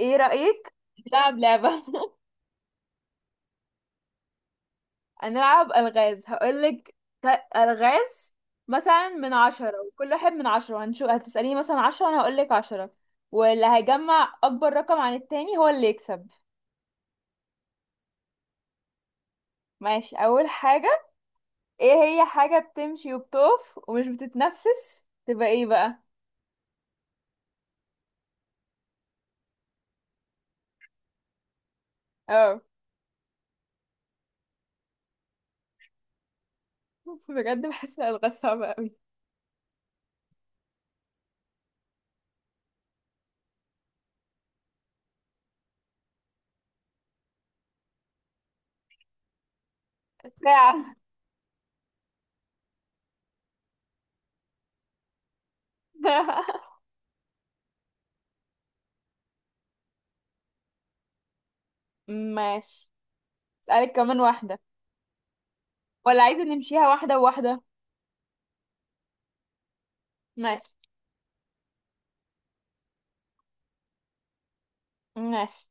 ايه رأيك نلعب لعبة؟ هنلعب ألغاز، هقولك ألغاز. مثلا من عشرة، وكل واحد من عشرة هنشوف، هتسأليني مثلا عشرة أنا هقولك عشرة. واللي هيجمع أكبر رقم عن التاني هو اللي يكسب. ماشي. أول حاجة، ايه هي حاجة بتمشي وبتقف ومش بتتنفس تبقى ايه بقى؟ اه. بجد بحس الألغاز صعبة أوي. ساعة. ماشي. أسألك كمان واحدة، ولا عايزة نمشيها واحدة وواحدة؟ ماشي. ماشي.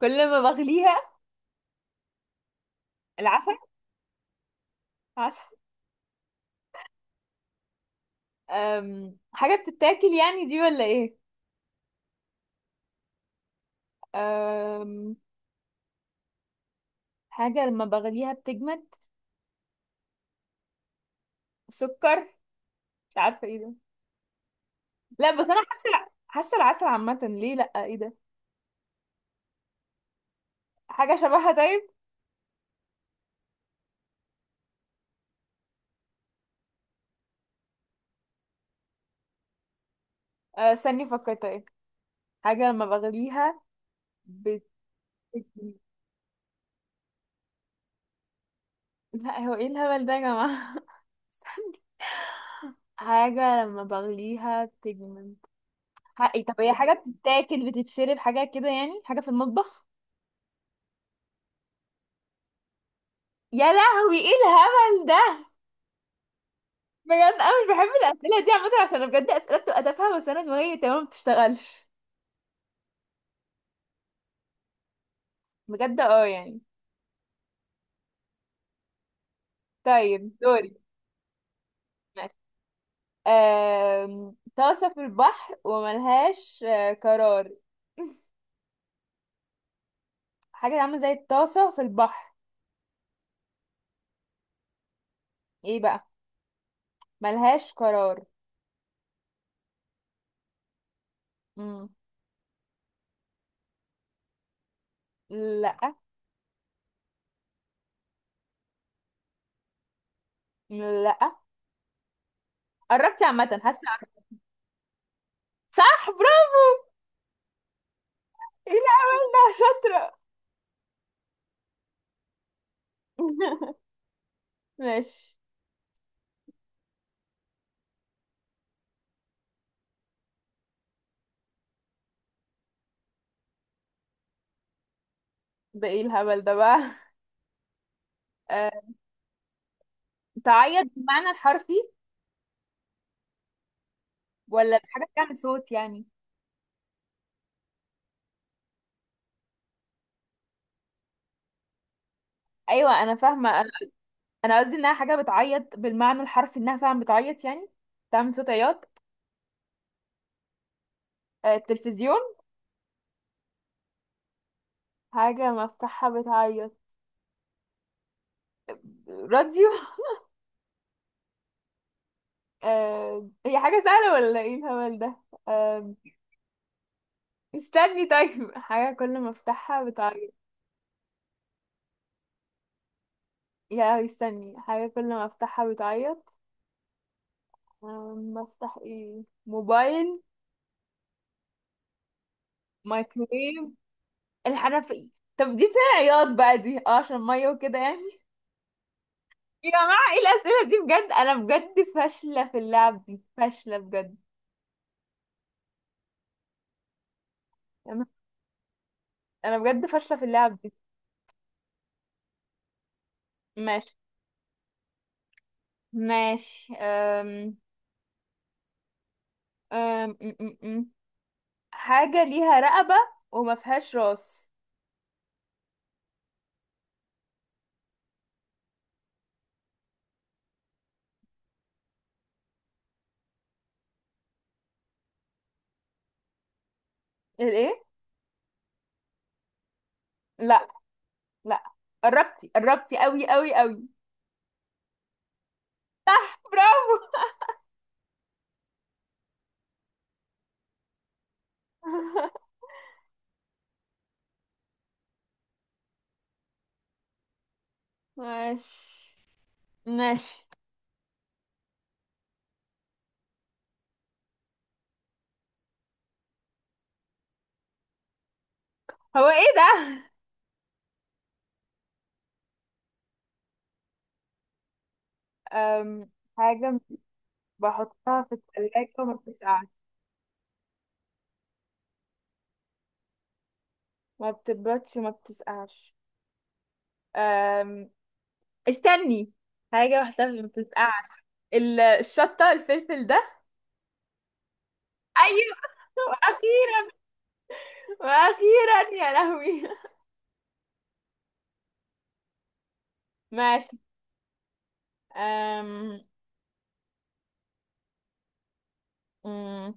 كل ما بغليها؟ العسل. عسل. حاجة بتتاكل يعني دي ولا ايه؟ أم... حاجة لما بغليها بتجمد. سكر. مش عارفة ايه ده. لا، بس انا حاسة حاسة العسل عامة ليه؟ لا، ايه ده؟ حاجة شبهها؟ طيب. استني فكرت ايه. حاجة لما بغليها بت... لا، هو ايه الهبل ده يا جماعة؟ استني. حاجة لما بغليها بتجمد. حقي؟ طب هي حاجة بتتاكل، بتتشرب، حاجة كده يعني، حاجة في المطبخ. يا لهوي، ايه الهبل ده؟ بجد انا مش بحب الاسئله دي عامه، عشان بجد اسئله بتبقى تافهه، بس انا دماغي تمام ما بتشتغلش. بجد اه يعني. طيب، دوري. ماشي. طاسه في البحر وملهاش قرار. حاجه عامله زي الطاسه في البحر. ايه بقى؟ ملهاش قرار. مم. لا، لا. قربتي عامه، حاسه قربتي. صح، برافو. ايه الهبل ده، شاطره. ماشي. ده ايه الهبل ده بقى؟ آه، تعيط بالمعنى الحرفي ولا بحاجة بتعمل صوت يعني؟ ايوه انا فاهمة انا. أنا قصدي انها حاجة بتعيط بالمعنى الحرفي، انها فعلا بتعيط يعني، بتعمل صوت عياط. التلفزيون؟ حاجة مفتاحها بتعيط؟ راديو؟ هي حاجة سهلة ولا ايه الهبل ده؟ آه، استني، طيب حاجة كل ما افتحها بتعيط. يا، استني، حاجة كل ما افتحها بتعيط. بفتح ايه؟ موبايل؟ مايكرويف؟ الحنفية. طب دي فيها عياط بقى دي، اه، عشان مية وكده يعني. يا جماعة، ايه الأسئلة دي بجد؟ أنا بجد فاشلة في اللعب دي، فاشلة بجد. أنا أنا بجد فاشلة في اللعب دي. ماشي. ماشي. أم أم أم أم أم. حاجة ليها رقبة وما فيهاش راس. الايه؟ لا. لا، قربتي، قربتي قوي قوي قوي. صح، برافو. ماشي. ماشي. هو ايه ده؟ أم حاجة بحطها في التلاجة وما بتسقعش. ما بتبردش وما بتسقعش. أم استني، حاجة واحدة اللي بتسقع. الشطة، الفلفل ده. ايوه. واخيرا، واخيرا يا لهوي. ماشي. أم... أم،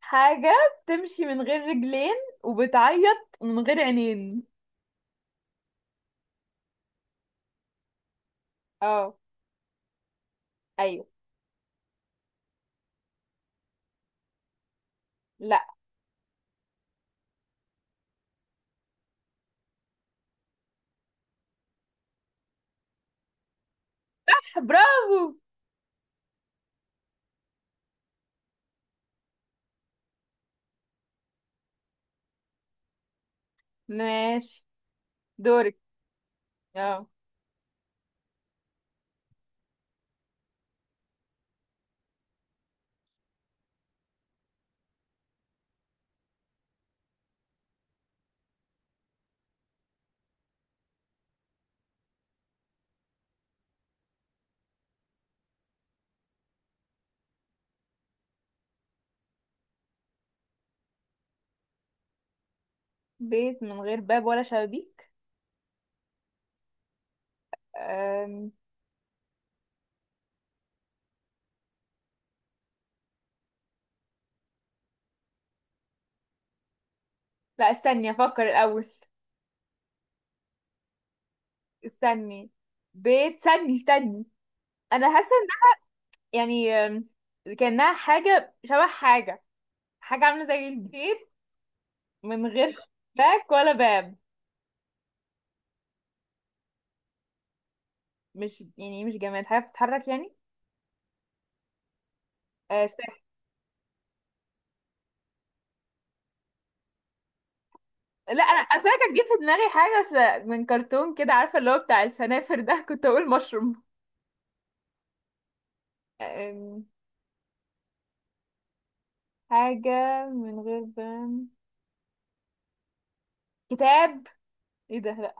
حاجة بتمشي من غير رجلين وبتعيط من غير عينين. اه. ايوه. لا. برافو. ماشي. دورك. اه. بيت من غير باب ولا شبابيك. أم... لا، استني افكر الاول. استني. بيت، استني، استني، انا حاسه. يعني كأنها حاجة شبه حاجة، حاجة عاملة زي البيت، من غير شباك ولا باب. مش يعني مش جماد، حاجة بتتحرك يعني؟ آه سا- لا، انا اصل انا كانت جه في دماغي حاجة من كرتون كده، عارفة اللي هو بتاع السنافر ده، كنت اقول مشروم. آم، حاجة من غير باب. كتاب؟ ايه ده، لا.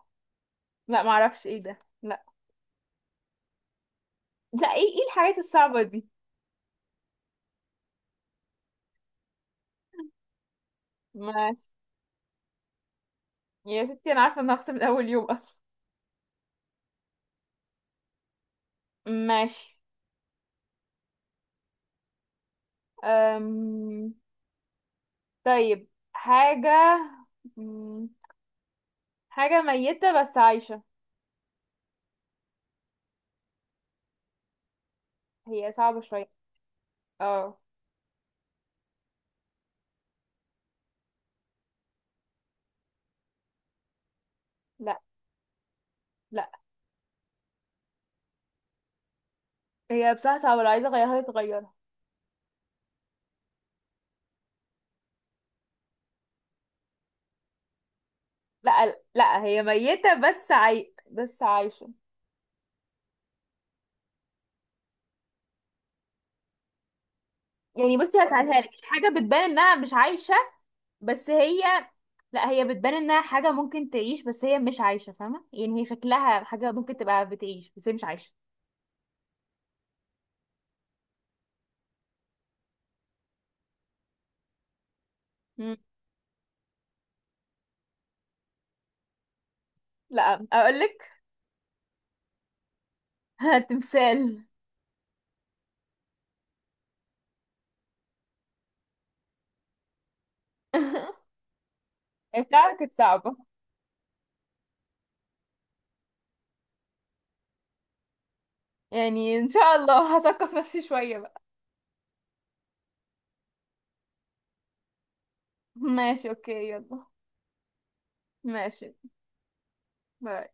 لا معرفش ايه ده. لا، لا ايه الحاجات الصعبة دي؟ ماشي. يا ستي، انا عارفة ان هخسر من اول يوم اصلا. ماشي. أم... طيب، حاجة، مم، حاجة ميتة بس عايشة. هي صعبة شوية. اه. لا. لا، هي بصراحة صعبة، لو عايزة اغيرها تغيرها. لا، لا، هي ميتة بس بس عايشة. يعني بصي، هسألها لك حاجة بتبان انها مش عايشة، بس هي، لا هي بتبان انها حاجة ممكن تعيش بس هي مش عايشة، فاهمة يعني، هي شكلها حاجة ممكن تبقى بتعيش بس هي مش عايشة. مم. لا، اقولك. تمثال. بتاعك كانت صعبة. يعني ان شاء الله هثقف نفسي شوية بقى. ماشي، اوكي، يلا. ماشي. باي.